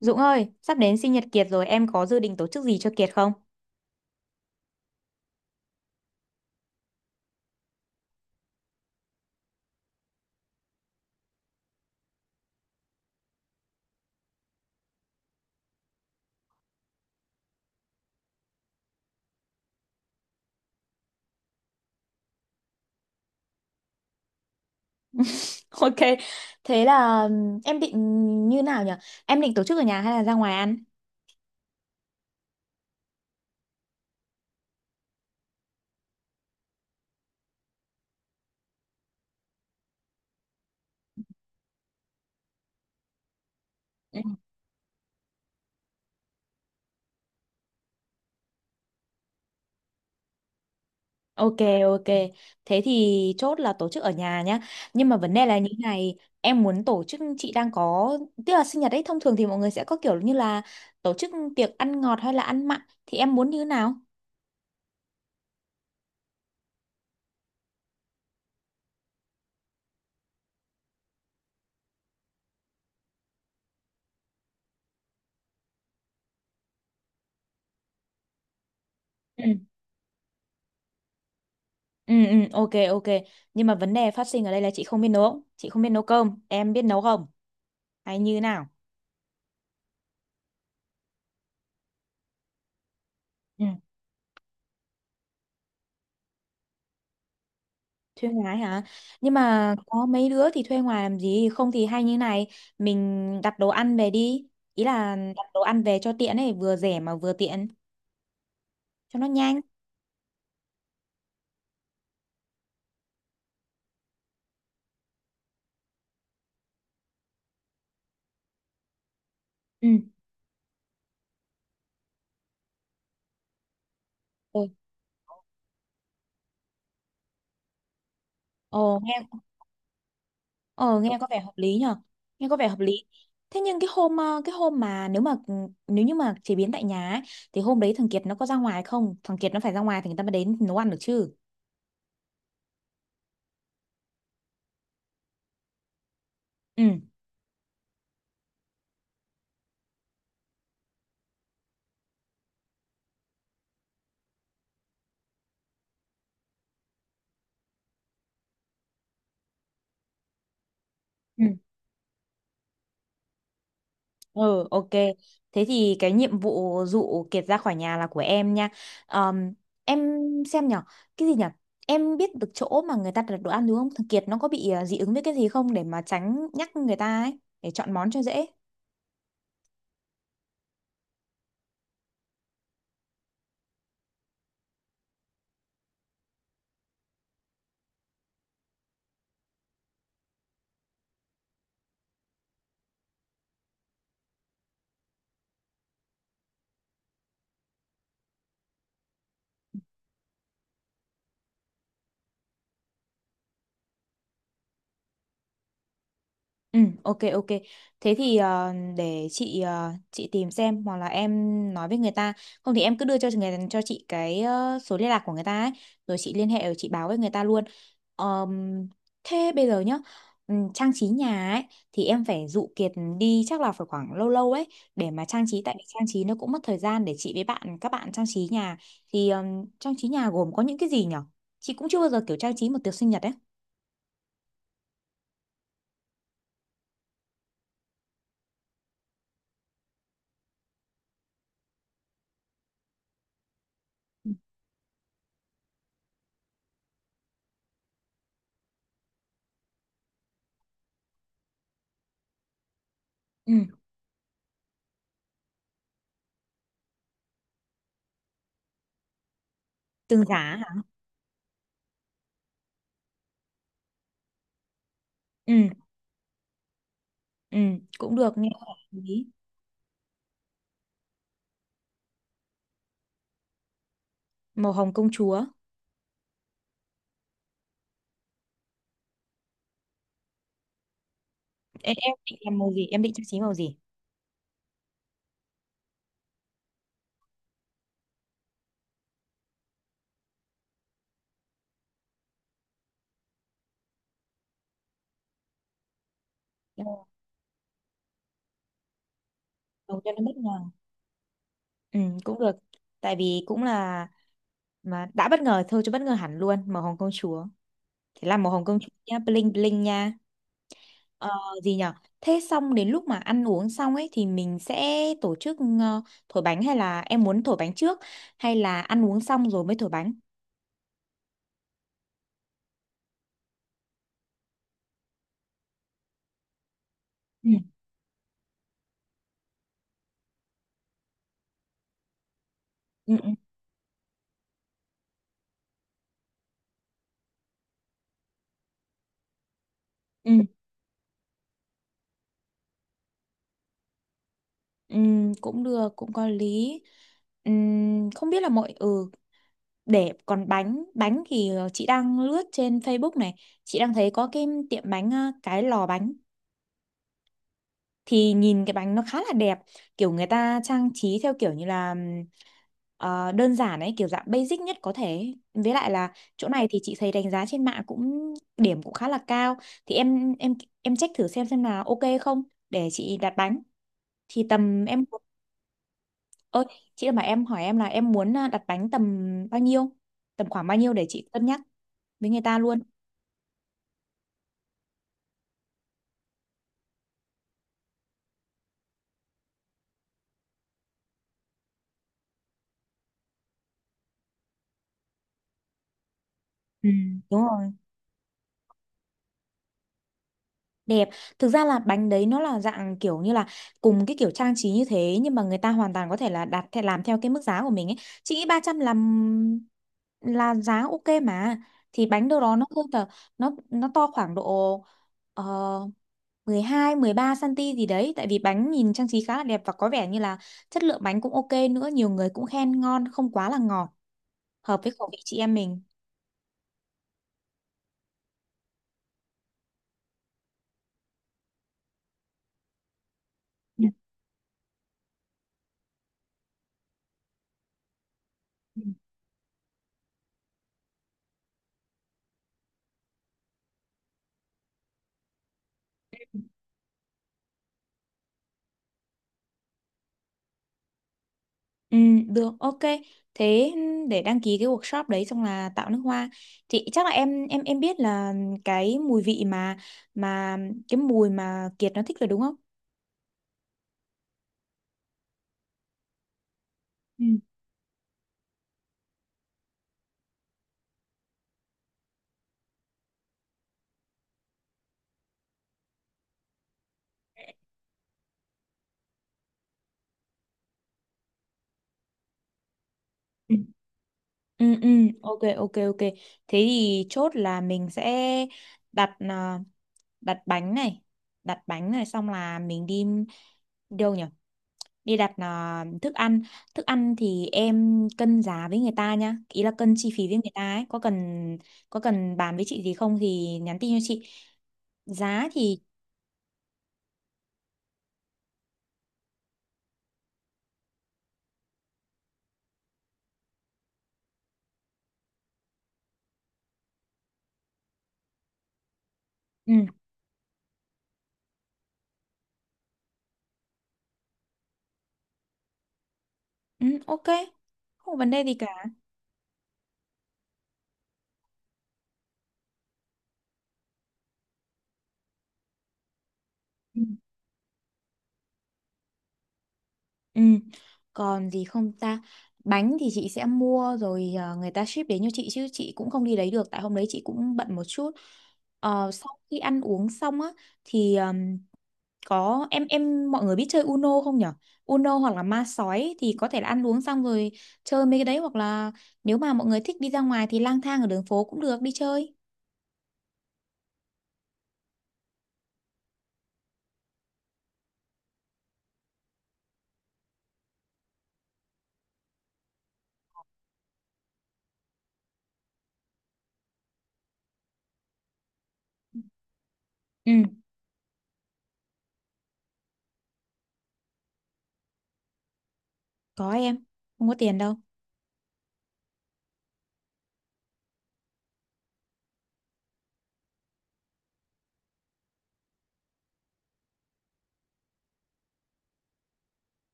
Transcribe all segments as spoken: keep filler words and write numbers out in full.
Dũng ơi, sắp đến sinh nhật Kiệt rồi, em có dự định tổ chức gì cho Kiệt không? Ok, thế là ừm, em định như nào nhỉ? Em định tổ chức ở nhà hay là ra ngoài ăn? Ừ. Ok, ok. Thế thì chốt là tổ chức ở nhà nhá. Nhưng mà vấn đề là như thế này, em muốn tổ chức chị đang có, tức là sinh nhật ấy thông thường thì mọi người sẽ có kiểu như là tổ chức tiệc ăn ngọt hay là ăn mặn thì em muốn như thế nào? Ừ. Ừ, ừ, ok, ok. Nhưng mà vấn đề phát sinh ở đây là chị không biết nấu, chị không biết nấu cơm, em biết nấu không? Hay như thế nào? Thuê ngoài hả, nhưng mà có mấy đứa thì thuê ngoài làm gì, không thì hay như này, mình đặt đồ ăn về đi, ý là đặt đồ ăn về cho tiện ấy, vừa rẻ mà vừa tiện, cho nó nhanh. Ừ, ừ. ồ nghe Ồ nghe có vẻ hợp lý nhở, nghe có vẻ hợp lý. Thế nhưng cái hôm ờ, cái hôm mà, nếu mà nếu như mà chế biến tại nhà ấy, thì hôm đấy thằng Kiệt nó có ra ngoài không, thằng Kiệt nó phải ra ngoài thì người ta mới đến nấu ăn được chứ. Ừ, ừ. Ừ, ok. Thế thì cái nhiệm vụ dụ Kiệt ra khỏi nhà là của em nha. Ờm, em xem nhở, cái gì nhở? Em biết được chỗ mà người ta đặt đồ ăn đúng không? Thằng Kiệt nó có bị ờ, dị ứng với cái gì không, để mà tránh nhắc người ta ấy, để chọn món cho dễ. Ừ, ok, ok. Thế thì ờ, để chị ờ, chị tìm xem, hoặc là em nói với người ta, không thì em cứ đưa cho người cho chị cái ờ, số liên lạc của người ta ấy, rồi chị liên hệ, rồi chị báo với người ta luôn. Ờm, Thế bây giờ nhá, ừm, trang trí nhà ấy thì em phải dụ Kiệt đi chắc là phải khoảng lâu lâu ấy, để mà trang trí, tại vì trang trí nó cũng mất thời gian để chị với bạn các bạn trang trí nhà. Thì ờm, trang trí nhà gồm có những cái gì nhở? Chị cũng chưa bao giờ kiểu trang trí một tiệc sinh nhật ấy. Ừ, tường giá hả? Ừ. Ừ, cũng được, nghe có vẻ hợp lý. Màu hồng công chúa. Em, em định làm màu gì? Em định trang trí màu gì? Ừ, màu cho nó bất ngờ. Ừ, cũng được. Tại vì cũng là mà đã bất ngờ thôi chứ bất ngờ hẳn luôn, màu hồng công chúa. Thế là màu hồng công chúa nha, bling bling nha. Ờ, Gì nhở? Thế xong đến lúc mà ăn uống xong ấy thì mình sẽ tổ chức ờ, thổi bánh, hay là em muốn thổi bánh trước, hay là ăn uống xong rồi mới thổi bánh? Ừ. Ừ, ừ, ừ, ừ, cũng được, cũng có lý. Ừm, không biết là mọi ừ Để còn bánh bánh thì ờ, chị đang lướt trên Facebook này, chị đang thấy có cái tiệm bánh ờ, cái lò bánh thì nhìn cái bánh nó khá là đẹp, kiểu người ta trang trí theo kiểu như là ừm, ờ, đơn giản ấy, kiểu dạng basic nhất có thể, với lại là chỗ này thì chị thấy đánh giá trên mạng cũng điểm cũng khá là cao. Thì em em em check thử xem xem là ok không, để chị đặt bánh. Thì tầm Em ơi, chị mà em hỏi em là em muốn ờ, đặt bánh tầm bao nhiêu tầm khoảng bao nhiêu, để chị cân nhắc với người ta luôn. Ừ, đúng rồi, đẹp. Thực ra là bánh đấy nó là dạng kiểu như là cùng cái kiểu trang trí như thế, nhưng mà người ta hoàn toàn có thể là đặt theo làm theo cái mức giá của mình ấy. Chị nghĩ ba trăm là là giá ok mà. Thì bánh đâu đó nó hơn tờ, nó nó to khoảng độ uh, mười hai mười ba phân gì đấy, tại vì bánh nhìn trang trí khá là đẹp, và có vẻ như là chất lượng bánh cũng ok nữa, nhiều người cũng khen ngon, không quá là ngọt, hợp với khẩu vị chị em mình. Ừ. Ừ, được, ok. Thế để đăng ký cái workshop đấy xong là tạo nước hoa, thì chắc là em em em biết là cái mùi vị mà mà cái mùi mà Kiệt nó thích rồi đúng không? Ừ. Ừ, ừ, ừ, ok, ok, ok. Thế thì chốt là mình sẽ đặt à, đặt bánh này, đặt bánh này xong là mình đi đâu nhỉ? Đi đặt à, thức ăn. Thức ăn thì em cân giá với người ta nhá, ý là cân chi phí với người ta ấy, có cần có cần bàn với chị gì không thì nhắn tin cho chị, giá thì ừ, ừ, ok, không có vấn đề gì cả. Ừ. Ừ. Còn gì không ta, bánh thì chị sẽ mua rồi, à, người ta ship đến cho chị chứ chị cũng không đi lấy được, tại hôm đấy chị cũng bận một chút. Ờ, sau khi ăn uống xong á thì ờ, có em em mọi người biết chơi Uno không nhở? Uno hoặc là ma sói thì có thể là ăn uống xong rồi chơi mấy cái đấy, hoặc là nếu mà mọi người thích đi ra ngoài thì lang thang ở đường phố cũng được, đi chơi. Ừ, có em, không có tiền đâu.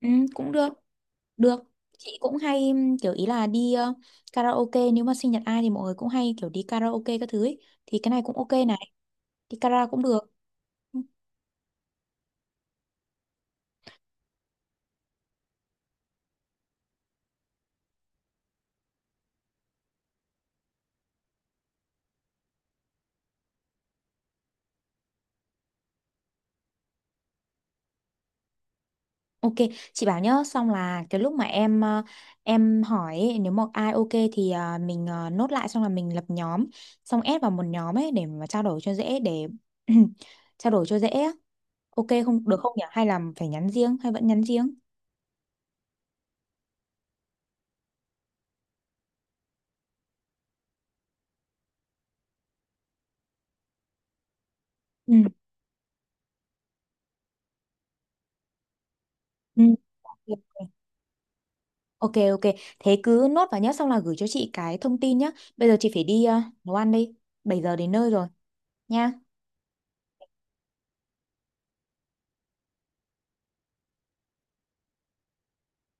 Ừ, cũng được được. Chị cũng hay ừm, kiểu ý là đi ờ, karaoke, nếu mà sinh nhật ai thì mọi người cũng hay kiểu đi karaoke các thứ ấy. Thì cái này cũng ok này, đi karaoke cũng được. Ok, chị bảo nhá, xong là cái lúc mà em ờ, em hỏi ấy, nếu mà ai ok thì ờ, mình ờ, nốt lại, xong là mình lập nhóm, xong ép vào một nhóm ấy để mà trao đổi cho dễ, để trao đổi cho dễ á. Ok không, được không nhỉ? Hay là phải nhắn riêng, hay vẫn nhắn riêng? Ừ. Ừ. Ok, ok, thế cứ nốt vào nhá, xong là gửi cho chị cái thông tin nhá. Bây giờ chị phải đi ờ, nấu ăn đi, bảy giờ đến nơi rồi nha.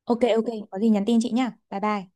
Ok, ok, có gì nhắn tin chị nhá. Bye bye.